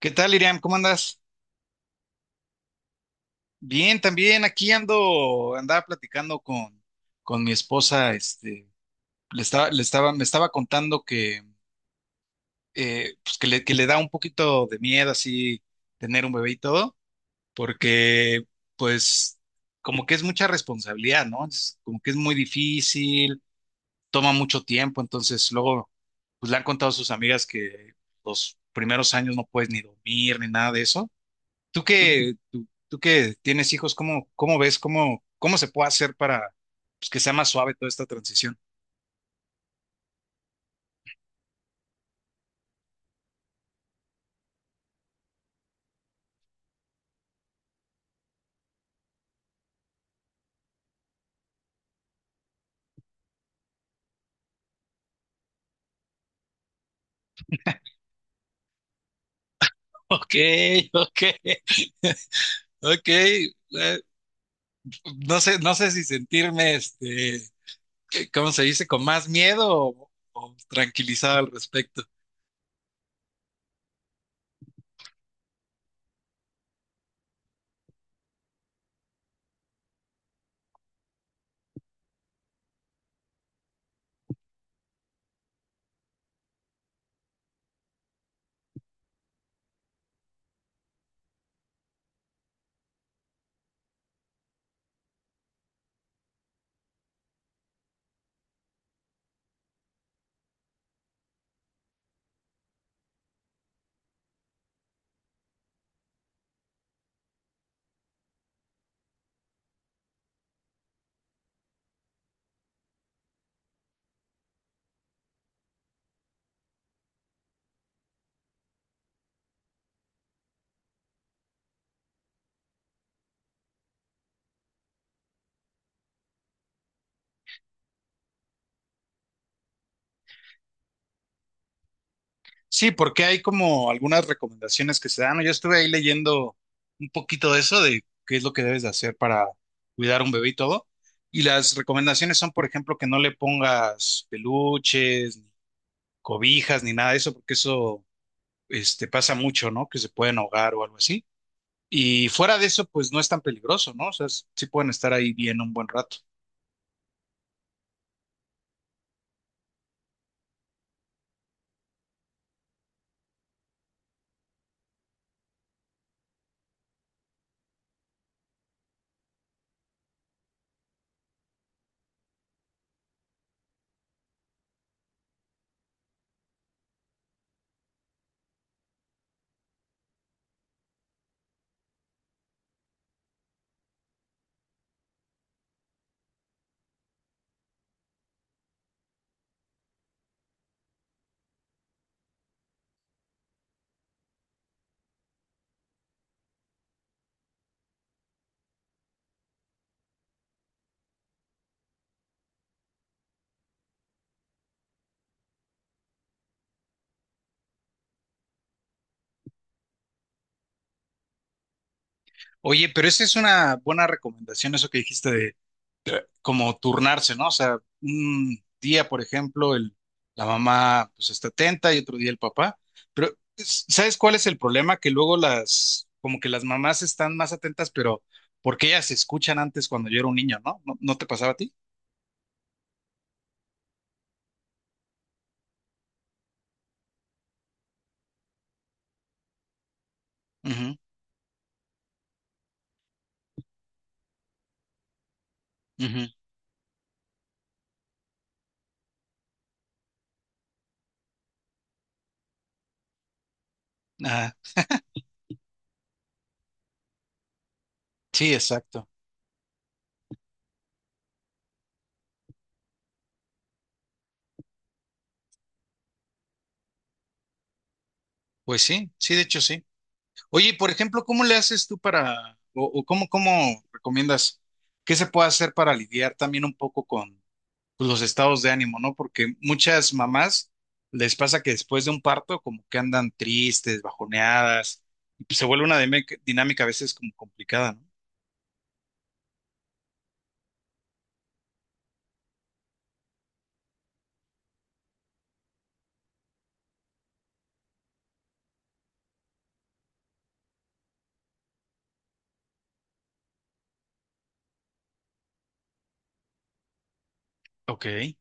¿Qué tal, Iriam? ¿Cómo andas? Bien, también aquí ando, andaba platicando con mi esposa, me estaba contando que, pues que le da un poquito de miedo así tener un bebé y todo, porque pues como que es mucha responsabilidad, ¿no? Es como que es muy difícil, toma mucho tiempo, entonces luego, pues le han contado a sus amigas que los primeros años no puedes ni dormir ni nada de eso. Tú que tienes hijos, ¿cómo ves, cómo se puede hacer para pues, que sea más suave toda esta transición? Ok, ok, ok. No sé si sentirme, ¿cómo se dice? ¿Con más miedo o tranquilizado al respecto? Sí, porque hay como algunas recomendaciones que se dan, ¿no? Yo estuve ahí leyendo un poquito de eso, de qué es lo que debes de hacer para cuidar un bebé y todo. Y las recomendaciones son, por ejemplo, que no le pongas peluches, cobijas ni nada de eso, porque eso, pasa mucho, ¿no? Que se pueden ahogar o algo así. Y fuera de eso, pues no es tan peligroso, ¿no? O sea, sí pueden estar ahí bien un buen rato. Oye, pero esa es una buena recomendación, eso que dijiste de como turnarse, ¿no? O sea, un día, por ejemplo, la mamá pues está atenta y otro día el papá. Pero, ¿sabes cuál es el problema? Que luego las, como que las mamás están más atentas, pero porque ellas se escuchan antes cuando yo era un niño, ¿no? ¿No, no te pasaba a ti? Ujú, ujú. Ajá. Sí, exacto. Pues sí, sí, de hecho sí. Oye, y por ejemplo, ¿cómo le haces tú para, o cómo, cómo recomiendas, qué se puede hacer para lidiar también un poco con pues, los estados de ánimo, ¿no? Porque muchas mamás les pasa que después de un parto como que andan tristes, bajoneadas, y pues, se vuelve una dinámica a veces como complicada, ¿no? Ok.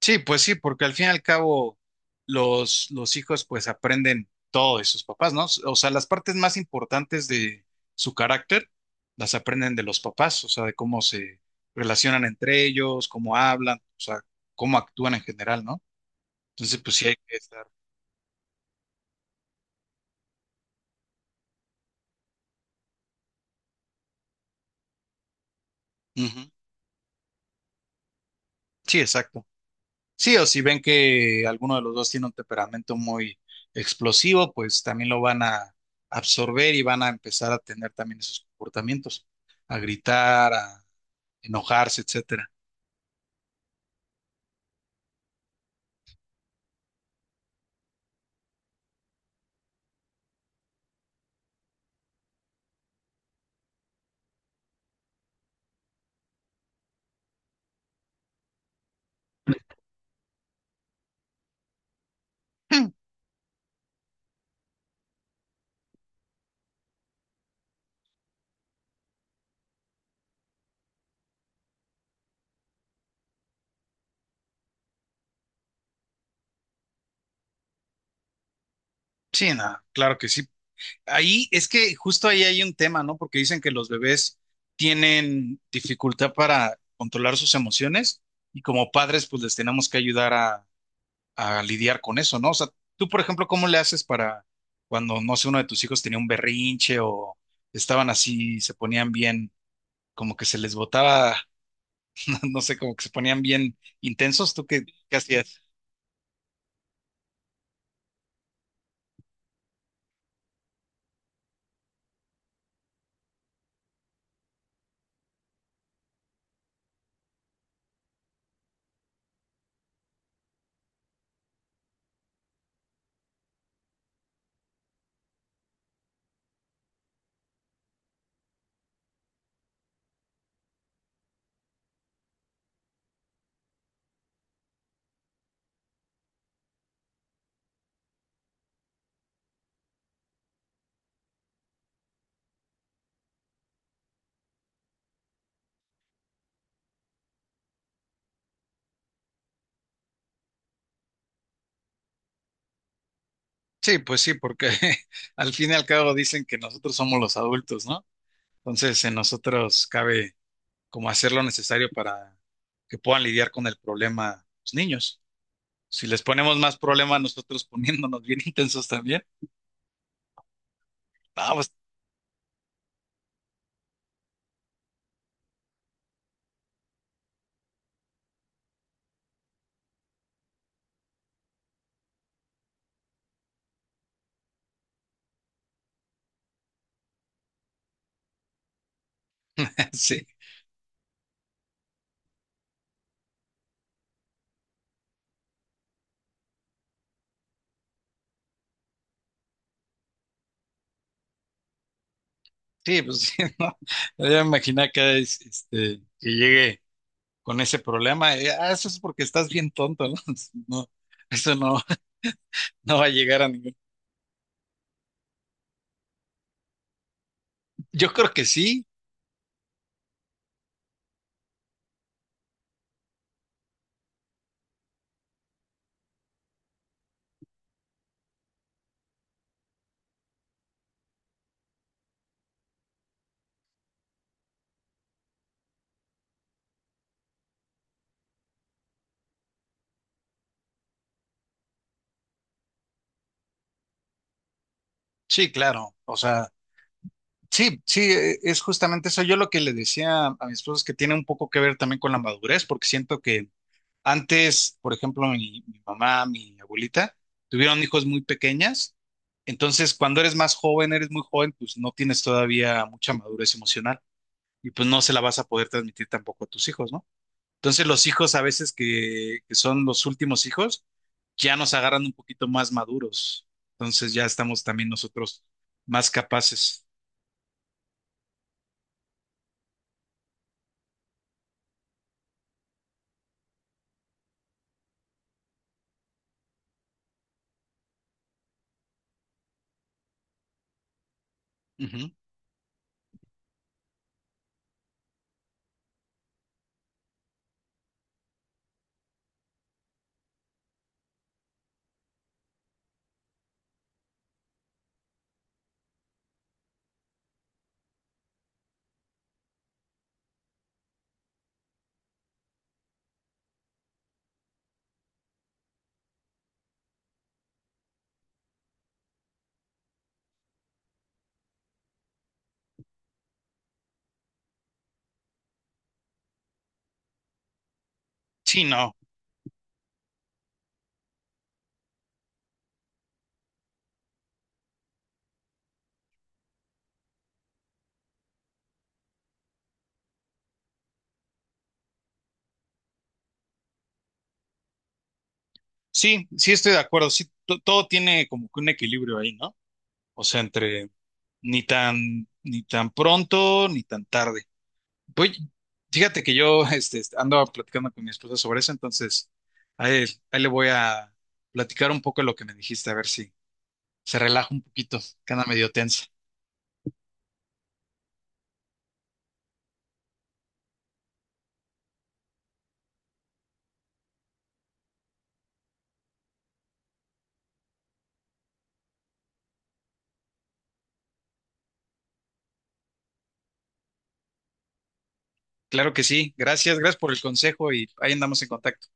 Sí, pues sí, porque al fin y al cabo los hijos pues aprenden todo de sus papás, ¿no? O sea, las partes más importantes de su carácter las aprenden de los papás, o sea, de cómo se relacionan entre ellos, cómo hablan, o sea, cómo actúan en general, ¿no? Entonces, pues sí hay que estar. Ujú. Sí, exacto. Sí, o si ven que alguno de los dos tiene un temperamento muy explosivo, pues también lo van a absorber y van a empezar a tener también esos comportamientos, a gritar, a enojarse, etcétera. Mm, sí, no, claro que sí. Ahí es que justo ahí hay un tema, ¿no? Porque dicen que los bebés tienen dificultad para controlar sus emociones y como padres pues les tenemos que ayudar a lidiar con eso, ¿no? O sea, tú, por ejemplo, ¿cómo le haces para cuando, no sé, uno de tus hijos tenía un berrinche o estaban así, se ponían bien, como que se les botaba, no sé, como que se ponían bien intensos? ¿Tú qué, qué hacías? Sí, pues sí, porque al fin y al cabo dicen que nosotros somos los adultos, ¿no? Entonces, en nosotros cabe como hacer lo necesario para que puedan lidiar con el problema los niños. Si les ponemos más problema nosotros poniéndonos bien intensos también, vamos, sí, sí, pues sí, ¿no? Yo me imaginé que, que llegue con ese problema. Eso es porque estás bien tonto, ¿no? No, eso no, no va a llegar a ningún. Yo creo que sí, sí, claro. O sea. Sí, sí, es justamente eso. Yo lo que le decía a mi esposo es que tiene un poco que ver también con la madurez, porque siento que antes, por ejemplo, mi mamá, mi abuelita, tuvieron hijos muy pequeñas. Entonces, cuando eres más joven, eres muy joven, pues no tienes todavía mucha madurez emocional y pues no se la vas a poder transmitir tampoco a tus hijos, ¿no? Entonces, los hijos a veces que son los últimos hijos, ya nos agarran un poquito más maduros. Entonces, ya estamos también nosotros más capaces. Ujú. Sí, no. Sí, sí estoy de acuerdo. Sí, todo tiene como que un equilibrio ahí, ¿no? O sea, entre ni tan, ni tan pronto, ni tan tarde. Voy, fíjate que yo ando platicando con mi esposa sobre eso, entonces ahí, ahí le voy a platicar un poco de lo que me dijiste, a ver si se relaja un poquito, que anda medio tensa. Claro que sí, gracias, gracias por el consejo y ahí andamos en contacto.